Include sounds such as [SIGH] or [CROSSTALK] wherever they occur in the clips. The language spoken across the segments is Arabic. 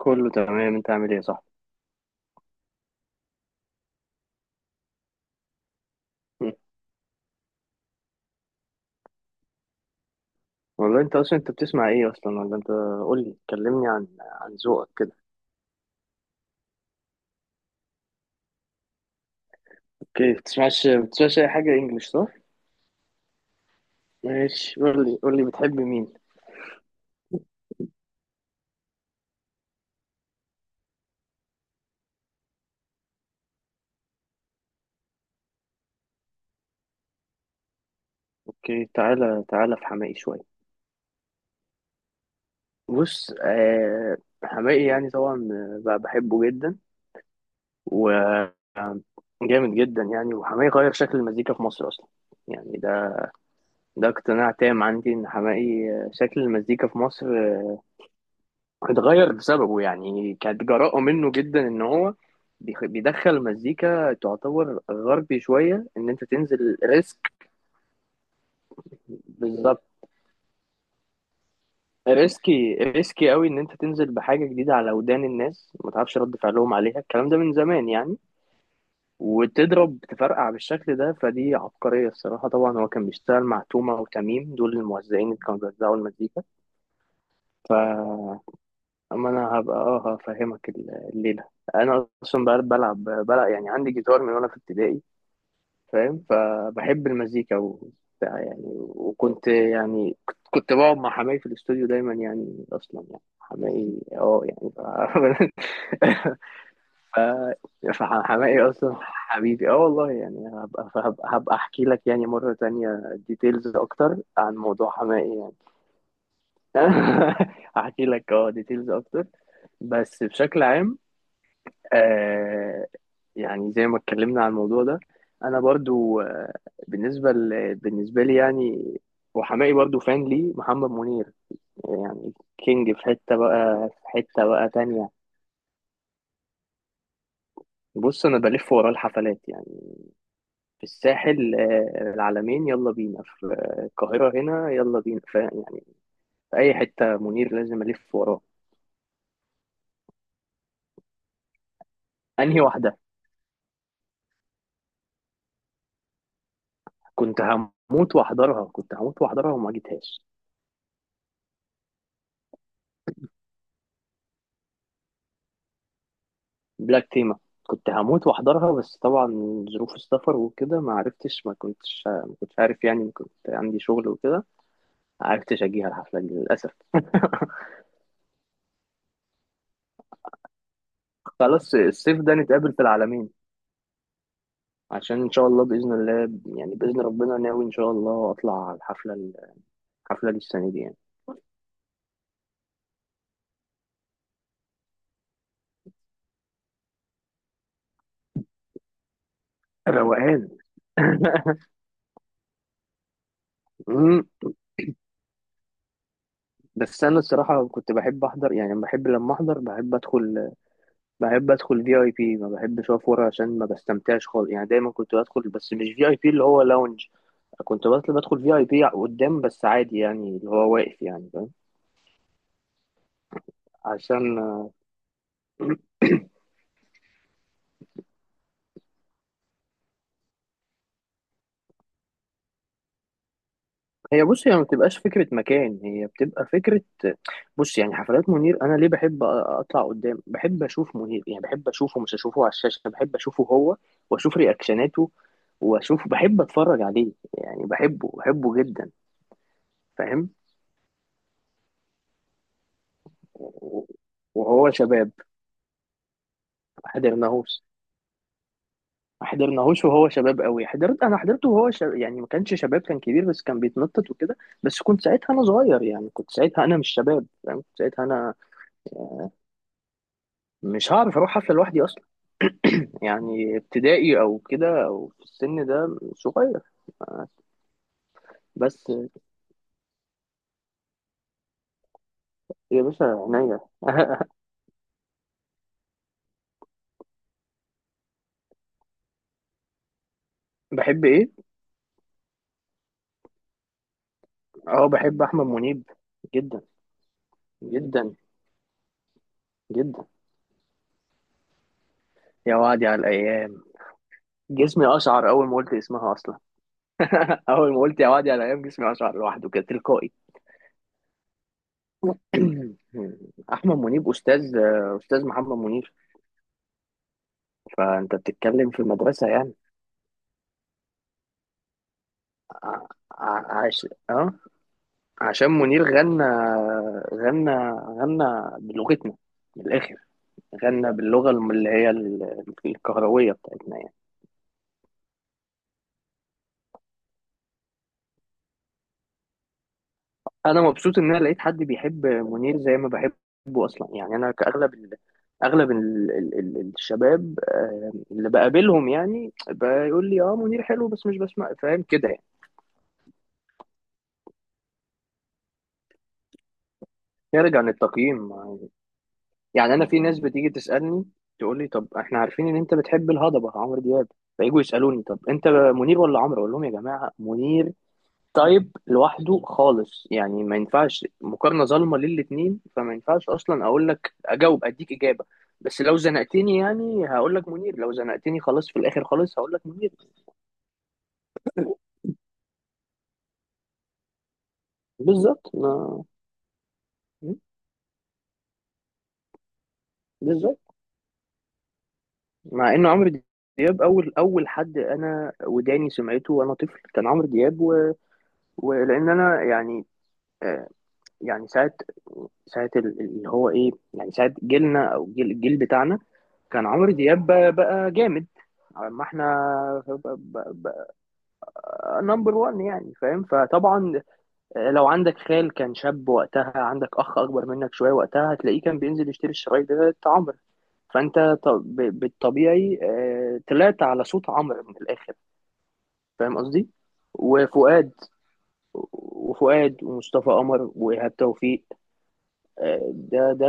كله تمام. انت عامل ايه؟ صح، والله انت اصلا انت بتسمع ايه اصلا؟ ولا انت قول لي، كلمني عن ذوقك كده. اوكي، بتسمعش اي حاجه انجلش صح؟ ماشي، قول لي بتحب مين؟ اوكي، تعالى في حماقي شويه. بص آه، حماقي يعني طبعا بقى بحبه جدا، وجامد جدا يعني. وحماقي غير شكل المزيكا في مصر اصلا، يعني ده اقتناع تام عندي ان حماقي شكل المزيكا في مصر اتغير بسببه. يعني كانت جراءة منه جدا ان هو بيدخل مزيكا تعتبر غربي شوية، ان انت تنزل ريسك. بالظبط. ريسكي قوي ان انت تنزل بحاجة جديدة على ودان الناس، ما تعرفش رد فعلهم عليها. الكلام ده من زمان يعني، وتضرب تفرقع بالشكل ده، فدي عبقرية الصراحة. طبعا هو كان بيشتغل مع تومة وتميم، دول الموزعين اللي كانوا بيوزعوا المزيكا. ف اما انا هبقى اه هفهمك الليله. انا اصلا بلعب يعني، عندي جيتار من وانا في ابتدائي. فاهم؟ فبحب المزيكا وبتاع يعني. وكنت يعني كنت بقعد مع حماي في الاستوديو دايما يعني. اصلا يعني حماي اه يعني ف... [LAUGHS] فحماقي اصلا حبيبي اه والله يعني، هبقى احكي لك يعني مره تانية ديتيلز اكتر عن موضوع حماقي يعني. [LAUGHS] هحكي لك اه ديتيلز اكتر. بس بشكل عام آه، يعني زي ما اتكلمنا عن الموضوع ده، انا برضو آه بالنسبه لي يعني، وحماقي برضو. فان ليه محمد منير يعني كينج في حته بقى، في حته بقى تانية. بص انا بلف وراه الحفلات يعني، في الساحل آه العلمين يلا بينا، في القاهره هنا يلا بينا ف... يعني في اي حته منير لازم الف وراه. انهي واحده؟ كنت هموت واحضرها وما جيتهاش. بلاك تيما، كنت هموت واحضرها بس طبعا ظروف السفر وكده ما عرفتش. ما كنتش عارف يعني، كنت عندي شغل وكده، ما عرفتش اجيها الحفلة دي للأسف. خلاص الصيف ده نتقابل في العالمين، عشان ان شاء الله، بإذن الله يعني، بإذن ربنا ناوي ان شاء الله اطلع على الحفلة، الحفلة دي السنة دي يعني. روقان. [LAUGHS] أمم، بس انا الصراحة كنت بحب احضر يعني، بحب لما احضر بحب ادخل، بحب ادخل في اي بي. ما بحبش اقف ورا عشان ما بستمتعش خالص يعني، دايما كنت بدخل بس مش في اي بي اللي هو لاونج. كنت بدخل في اي بي قدام بس عادي يعني، اللي هو واقف يعني. فاهم؟ عشان هي بص، هي ما بتبقاش فكرة مكان، هي بتبقى فكرة. بص يعني حفلات منير، انا ليه بحب اطلع قدام؟ بحب اشوف منير يعني، بحب اشوفه مش اشوفه على الشاشة، بحب اشوفه هو واشوف رياكشناته واشوف، بحب اتفرج عليه يعني، بحبه بحبه جدا. فاهم؟ وهو شباب. حاضر. ناهوس، ما حضرناهوش وهو شباب قوي. حضرت انا حضرته وهو شب... يعني ما كانش شباب، كان كبير بس كان بيتنطط وكده. بس كنت ساعتها انا صغير يعني، كنت ساعتها انا مش شباب يعني، كنت ساعتها انا مش هعرف اروح حفله لوحدي اصلا يعني، ابتدائي او كده، او في السن ده صغير. بس يا باشا، عينيا. [LAUGHS] بحب ايه؟ اه بحب احمد منيب، جدا جدا جدا. يا وادي على الايام، جسمي اشعر اول ما قلت اسمها اصلا. [LAUGHS] اول ما قلت يا وادي على الايام جسمي اشعر لوحده كده تلقائي. [CLEARS THROAT] احمد منيب استاذ. استاذ محمد منير. فانت بتتكلم في المدرسه يعني. ع- ع- عش... اه عشان منير غنى، غنى غنى بلغتنا من الاخر، غنى باللغه اللي هي الكهرويه بتاعتنا يعني. انا مبسوط ان انا لقيت حد بيحب منير زي ما بحبه اصلا يعني. انا كاغلب ال... اغلب ال... ال... ال- الشباب اللي بقابلهم يعني بيقول لي اه منير حلو بس مش بسمع، فاهم كده يعني. نرجع للتقييم. يعني انا في ناس بتيجي تسالني تقول لي طب احنا عارفين ان انت بتحب الهضبه عمرو دياب، فيجوا يسالوني طب انت منير ولا عمرو؟ اقول لهم يا جماعه منير تايب لوحده خالص يعني، ما ينفعش مقارنه ظالمه للاتنين، فما ينفعش اصلا اقول لك اجاوب اديك اجابه. بس لو زنقتني يعني هقول لك منير، لو زنقتني خلاص في الاخر خالص هقول لك منير. بالظبط. ما بالظبط، مع ان عمرو دياب اول حد انا وداني سمعته وانا طفل كان عمرو دياب و... ولان انا يعني آه، يعني ساعة اللي هو ايه يعني، ساعة جيلنا او جيل الجيل بتاعنا، كان عمرو دياب بقى جامد. ما احنا نمبر 1 يعني. فاهم؟ فطبعا آه، لو عندك خال كان شاب وقتها، عندك اخ اكبر منك شوية وقتها، هتلاقيه كان بينزل يشتري الشرايط بتاعت عمرو. فانت بالطبيعي آه، طلعت على صوت عمرو من الاخر. فاهم قصدي؟ وفؤاد، ومصطفى قمر وايهاب توفيق آه، ده.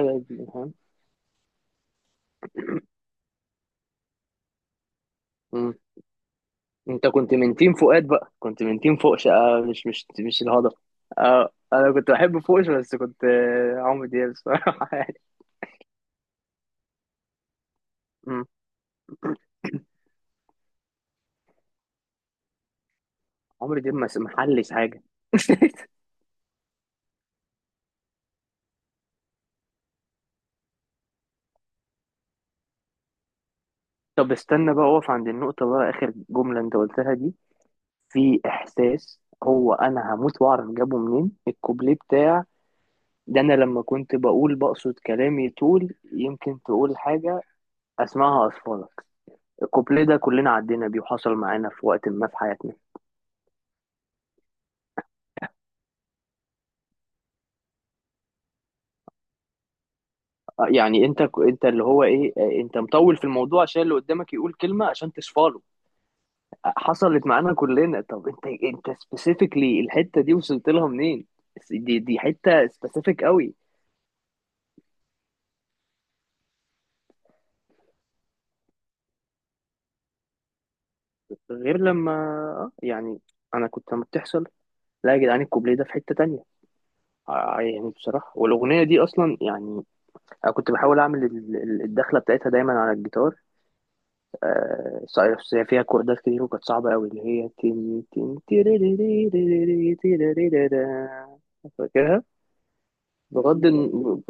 مم. انت كنت من تيم فؤاد بقى، كنت من تيم فوقش آه، مش الهضبة. آه انا كنت بحب فوقش بس كنت آه، عمرو دياب الصراحة. [LAUGHS] يعني مم. عمرو دياب مس- محلش حاجة. [LAUGHS] طب استنى بقى اقف عند النقطة بقى، آخر جملة انت قلتها دي، في احساس هو انا هموت واعرف جابه منين، الكوبليه بتاع ده. انا لما كنت بقول بقصد كلامي طول، يمكن تقول حاجة اسمعها اصفالك. الكوبليه ده كلنا عدينا بيه وحصل معانا في وقت ما في حياتنا. آه، يعني انت انت اللي هو ايه آه، انت مطول في الموضوع عشان اللي قدامك يقول كلمه عشان تصفاله. آه، حصلت معانا كلنا. طب انت، انت سبيسيفيكلي الحته دي وصلت لها منين؟ دي حته سبيسيفيك قوي، غير لما آه، يعني انا كنت لما بتحصل لا يا جدعان، الكوبليه ده في حته تانية. آه، آه، يعني بصراحه، والاغنيه دي اصلا يعني انا كنت بحاول اعمل الدخله بتاعتها دايما على الجيتار. آه، صحيح، بس هي فيها كوردات كتير، وكانت صعبة أوي اللي هي تن تن تيريريريريري تيريريريرا. فاكرها. بغض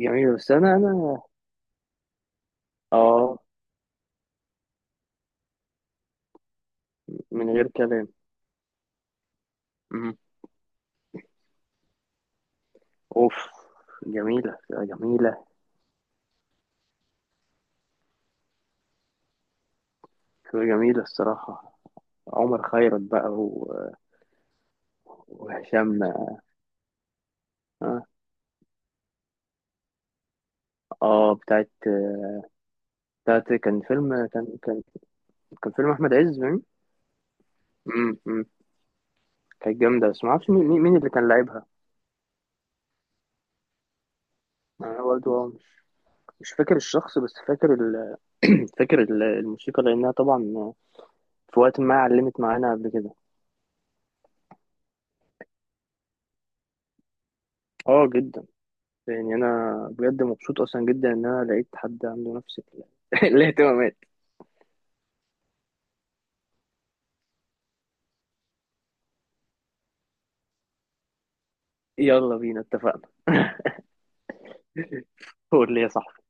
جميلة. بس أنا آه من غير كلام. مم. أوف، جميلة جميلة. جميلة الصراحة. عمر خيرت بقى و... وهشام آه، آه بتاعت، بتاعت كان فيلم، كان كان كان فيلم أحمد عز. مم. مم. كانت جامدة بس معرفش مين اللي كان لاعبها. أنا برضه مش فاكر الشخص، بس فاكر ال... [CLEARS THROAT] فاكر الموسيقى لأنها طبعا في وقت ما علمت معانا قبل كده. اه جدا. يعني أنا بجد مبسوط أصلا جدا إن أنا لقيت حد عنده نفس ال... [LAUGHS] الاهتمامات. يلا بينا، اتفقنا. قول لي يا صاحبي.